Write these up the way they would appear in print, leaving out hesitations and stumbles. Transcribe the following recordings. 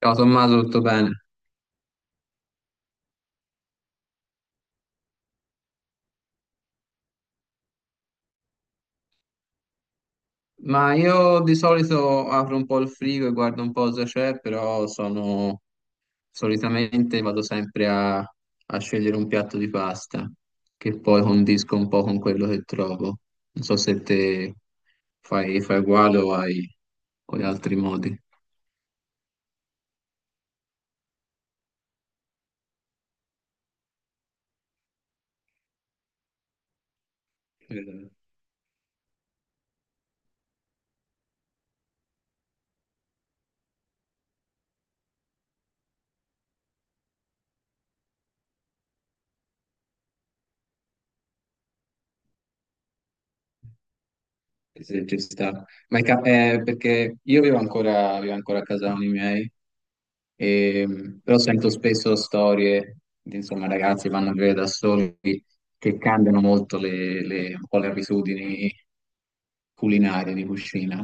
Ciao Tommaso, tutto bene? Ma io di solito apro un po' il frigo e guardo un po' cosa c'è, però sono solitamente vado sempre a scegliere un piatto di pasta che poi condisco un po' con quello che trovo. Non so se te fai uguale o hai con gli altri modi. Eh, Se ci sta. Ma è perché io vivo ancora a casa con i miei. Però sento spesso storie di insomma, ragazzi che vanno a vivere da soli che cambiano molto un po' le abitudini culinarie di cucina.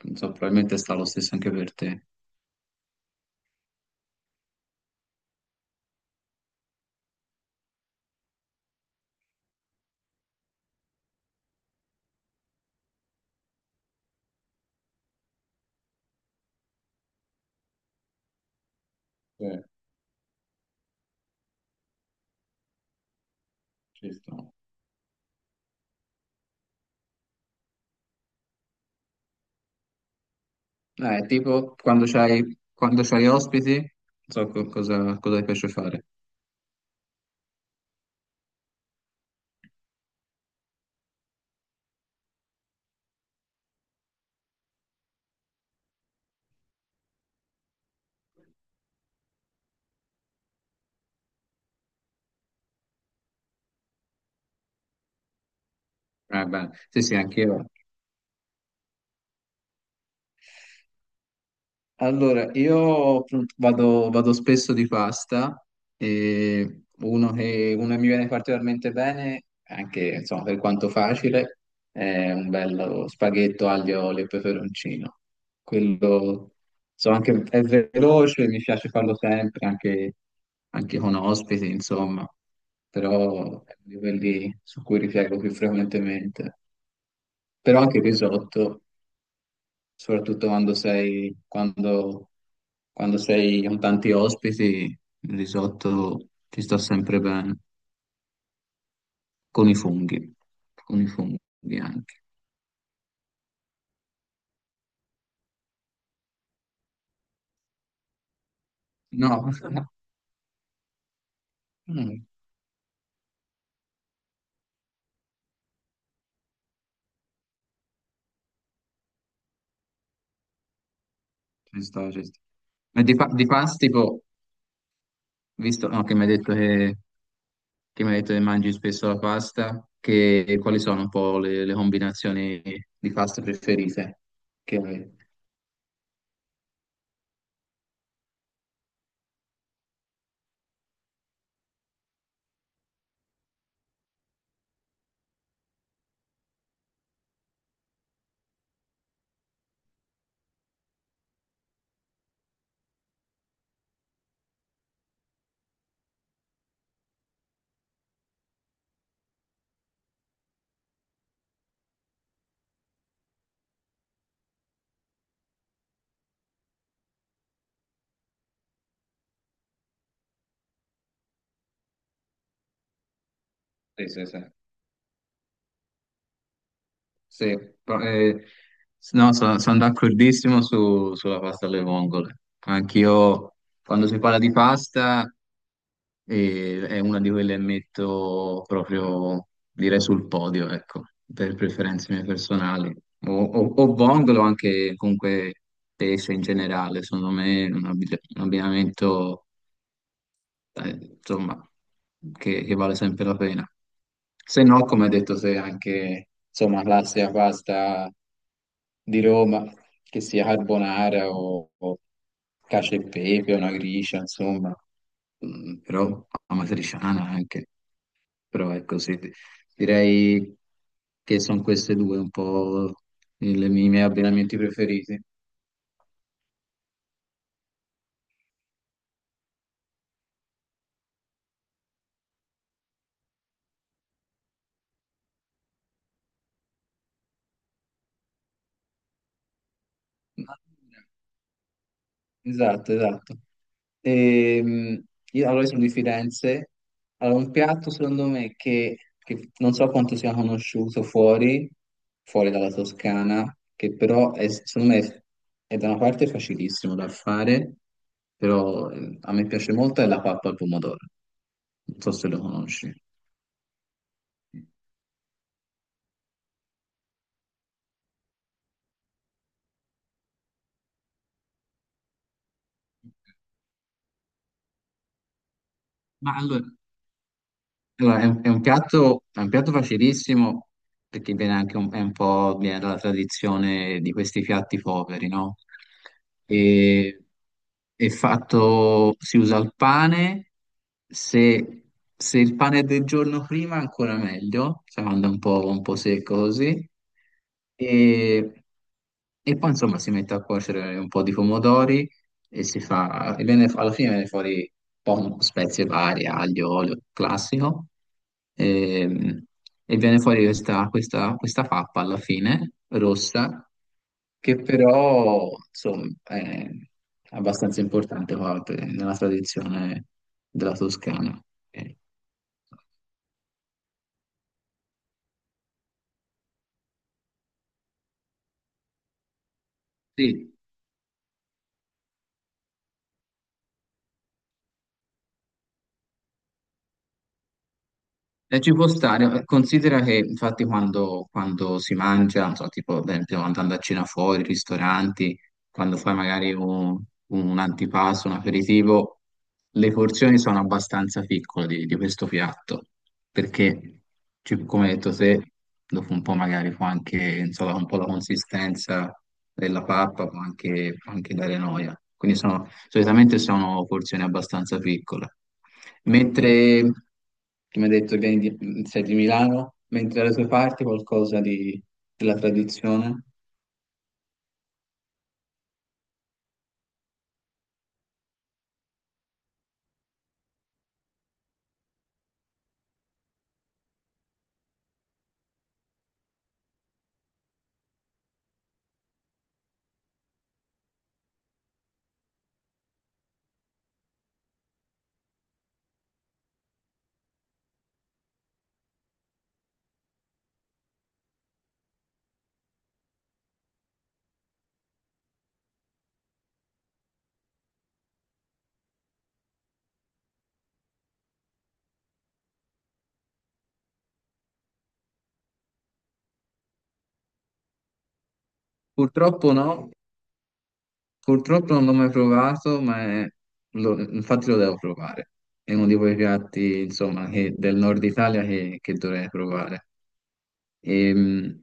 Non so, probabilmente sta lo stesso anche per te. Sì, ci sta. Tipo quando c'hai ospiti, non so cosa ti piace fare. Beh, sì, sì, anch'io. Allora, io appunto, vado spesso di pasta e uno che mi viene particolarmente bene, anche insomma, per quanto facile, è un bello spaghetto aglio, olio e peperoncino. Quello insomma, anche, è veloce, mi piace farlo sempre, anche, anche con ospiti, insomma, però è uno di quelli su cui ripiego più frequentemente. Però anche il risotto soprattutto quando sei con tanti ospiti, il risotto ti sta sempre bene, con i funghi, con i funghi anche. No, mm, ci sto, ci sto. Ma di pasti, tipo, visto no, che mi hai che mi hai detto che mangi spesso la pasta, che, quali sono un po' le combinazioni di pasta preferite che hai? Sì, sì, sì. Sì, pro- eh, no, sono d'accordissimo sulla pasta alle vongole. Anch'io, quando si parla di pasta, è una di quelle che metto proprio, direi, sul podio, ecco, per preferenze mie personali. O vongole o anche comunque pesce in generale, secondo me è un un abbinamento eh, insomma, che vale sempre la pena. Se no, come hai detto, se anche, insomma, classica pasta di Roma, che sia carbonara o cacio e pepe, una gricia, insomma, mm, però amatriciana anche, però ecco, sì, direi che sono queste due un po' i miei abbinamenti preferiti. Esatto, esatto. Ehm, io allora io sono di Firenze. Allora, un piatto secondo me che non so quanto sia conosciuto fuori, fuori dalla Toscana, che però è, secondo me è da una parte facilissimo da fare, però a me piace molto è la pappa al pomodoro. Non so se lo conosci. Ma allora, Allora, è è un piatto facilissimo perché viene anche un, è un po' viene dalla tradizione di questi piatti poveri, no? E, è fatto, si usa il pane, se, se il pane è del giorno prima ancora meglio, se no anda un po' secco così. E, e poi insomma si mette a cuocere un po' di pomodori e si fa, e viene, alla fine viene fuori poco, spezie varie, aglio, olio classico, ehm, e, viene fuori questa pappa alla fine, rossa, che però, insomma, è abbastanza importante qua nella tradizione della Toscana. Eh, sì, e ci può stare, considera che infatti quando si mangia, non so, tipo, ad esempio, andando a cena fuori, ristoranti, quando fai magari un antipasto, un aperitivo, le porzioni sono abbastanza piccole di questo piatto, perché, come hai detto te, dopo un po' magari può anche, insomma, un po' la consistenza della pappa può anche dare noia. Quindi sono, solitamente sono porzioni abbastanza piccole. Mentre, come hai detto, vieni sei di Milano, mentre dalle tue parti qualcosa della tradizione? Purtroppo no, purtroppo non l'ho mai provato, ma è infatti lo devo provare. È uno di quei piatti, insomma, del nord Italia che dovrei provare. Ehm,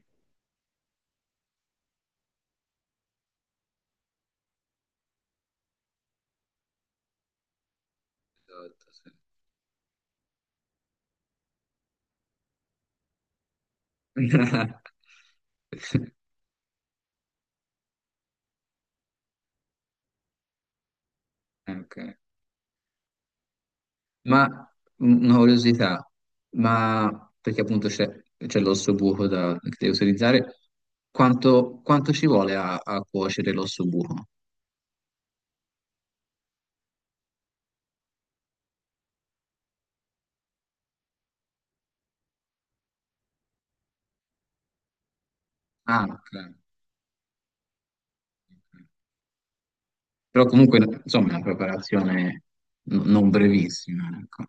Esatto, sì. Ok. Ma una curiosità, ma perché appunto c'è c'è l'osso buco da, che devo utilizzare, quanto ci vuole a cuocere l'osso buco? Ah, ok. Ok. Però comunque, insomma, è una preparazione non brevissima, ecco.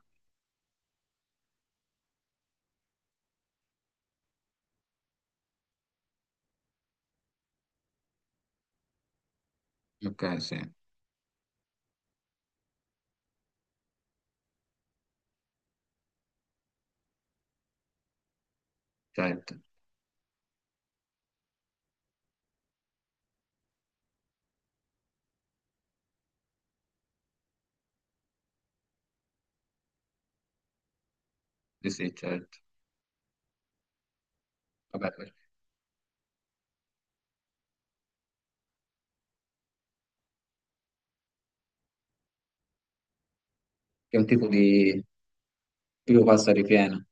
Ok, sì, certo, sì, sì, certo. Vabbè, perché è un tipo di tipo pasta ripiena.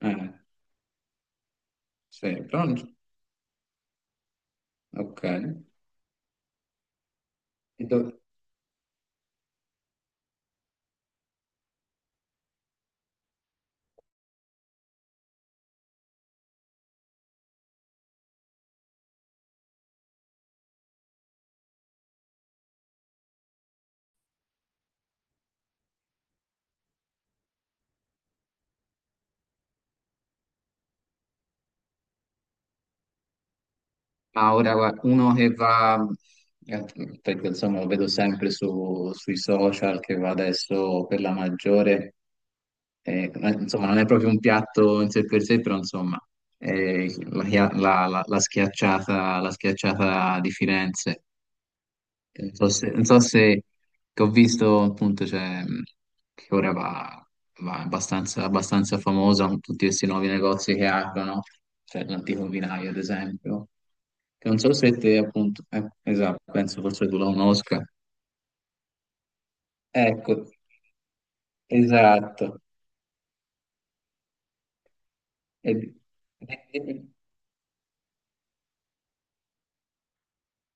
Eh, sì, pronto? Ok. E dove? Ma ora guarda, uno che va, eh, perché insomma lo vedo sempre sui social, che va adesso per la maggiore, eh, insomma non è proprio un piatto in sé per sé, però insomma la schiacciata di Firenze. Non so se, non so se- Che ho visto appunto cioè, che ora va, va abbastanza, abbastanza famosa con tutti questi nuovi negozi che aprono, cioè l'antico vinaio ad esempio che non so se te appunto, esatto, penso forse tu la conosca. Ecco, esatto. E-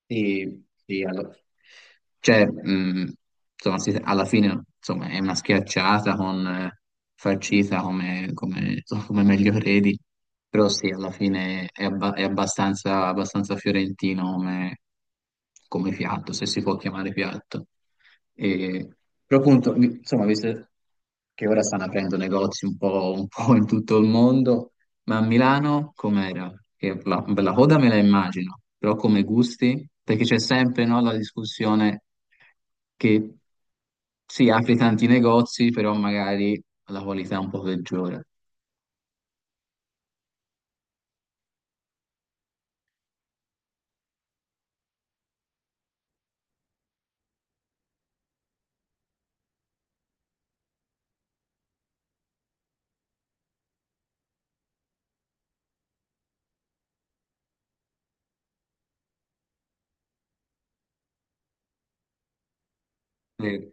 sì, sì, cioè, insomma, alla fine insomma, è una schiacciata con farcita come, come, insomma, come meglio credi, però sì, alla fine è, è abbastanza, abbastanza fiorentino come, come piatto, se si può chiamare piatto. E, però appunto, insomma, visto che ora stanno aprendo negozi un po' in tutto il mondo, ma a Milano com'era? Che la coda me la immagino, però come gusti? Perché c'è sempre, no, la discussione che si apri tanti negozi, però magari la qualità è un po' peggiore. Sì,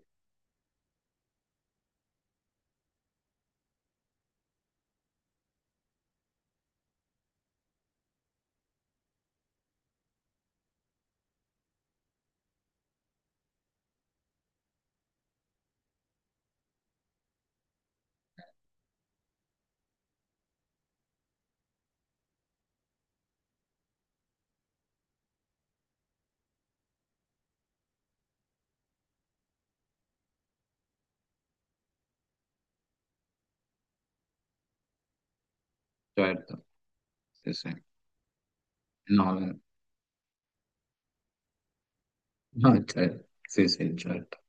certo, sì, sì. No, no, certo. Sì, sì, certo.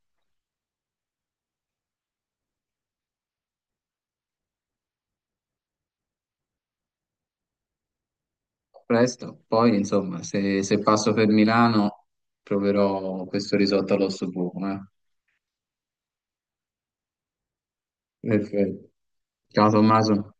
Presto, poi insomma, se passo per Milano proverò questo risotto all'osso buco. Eh. Perfetto. Ciao Tommaso.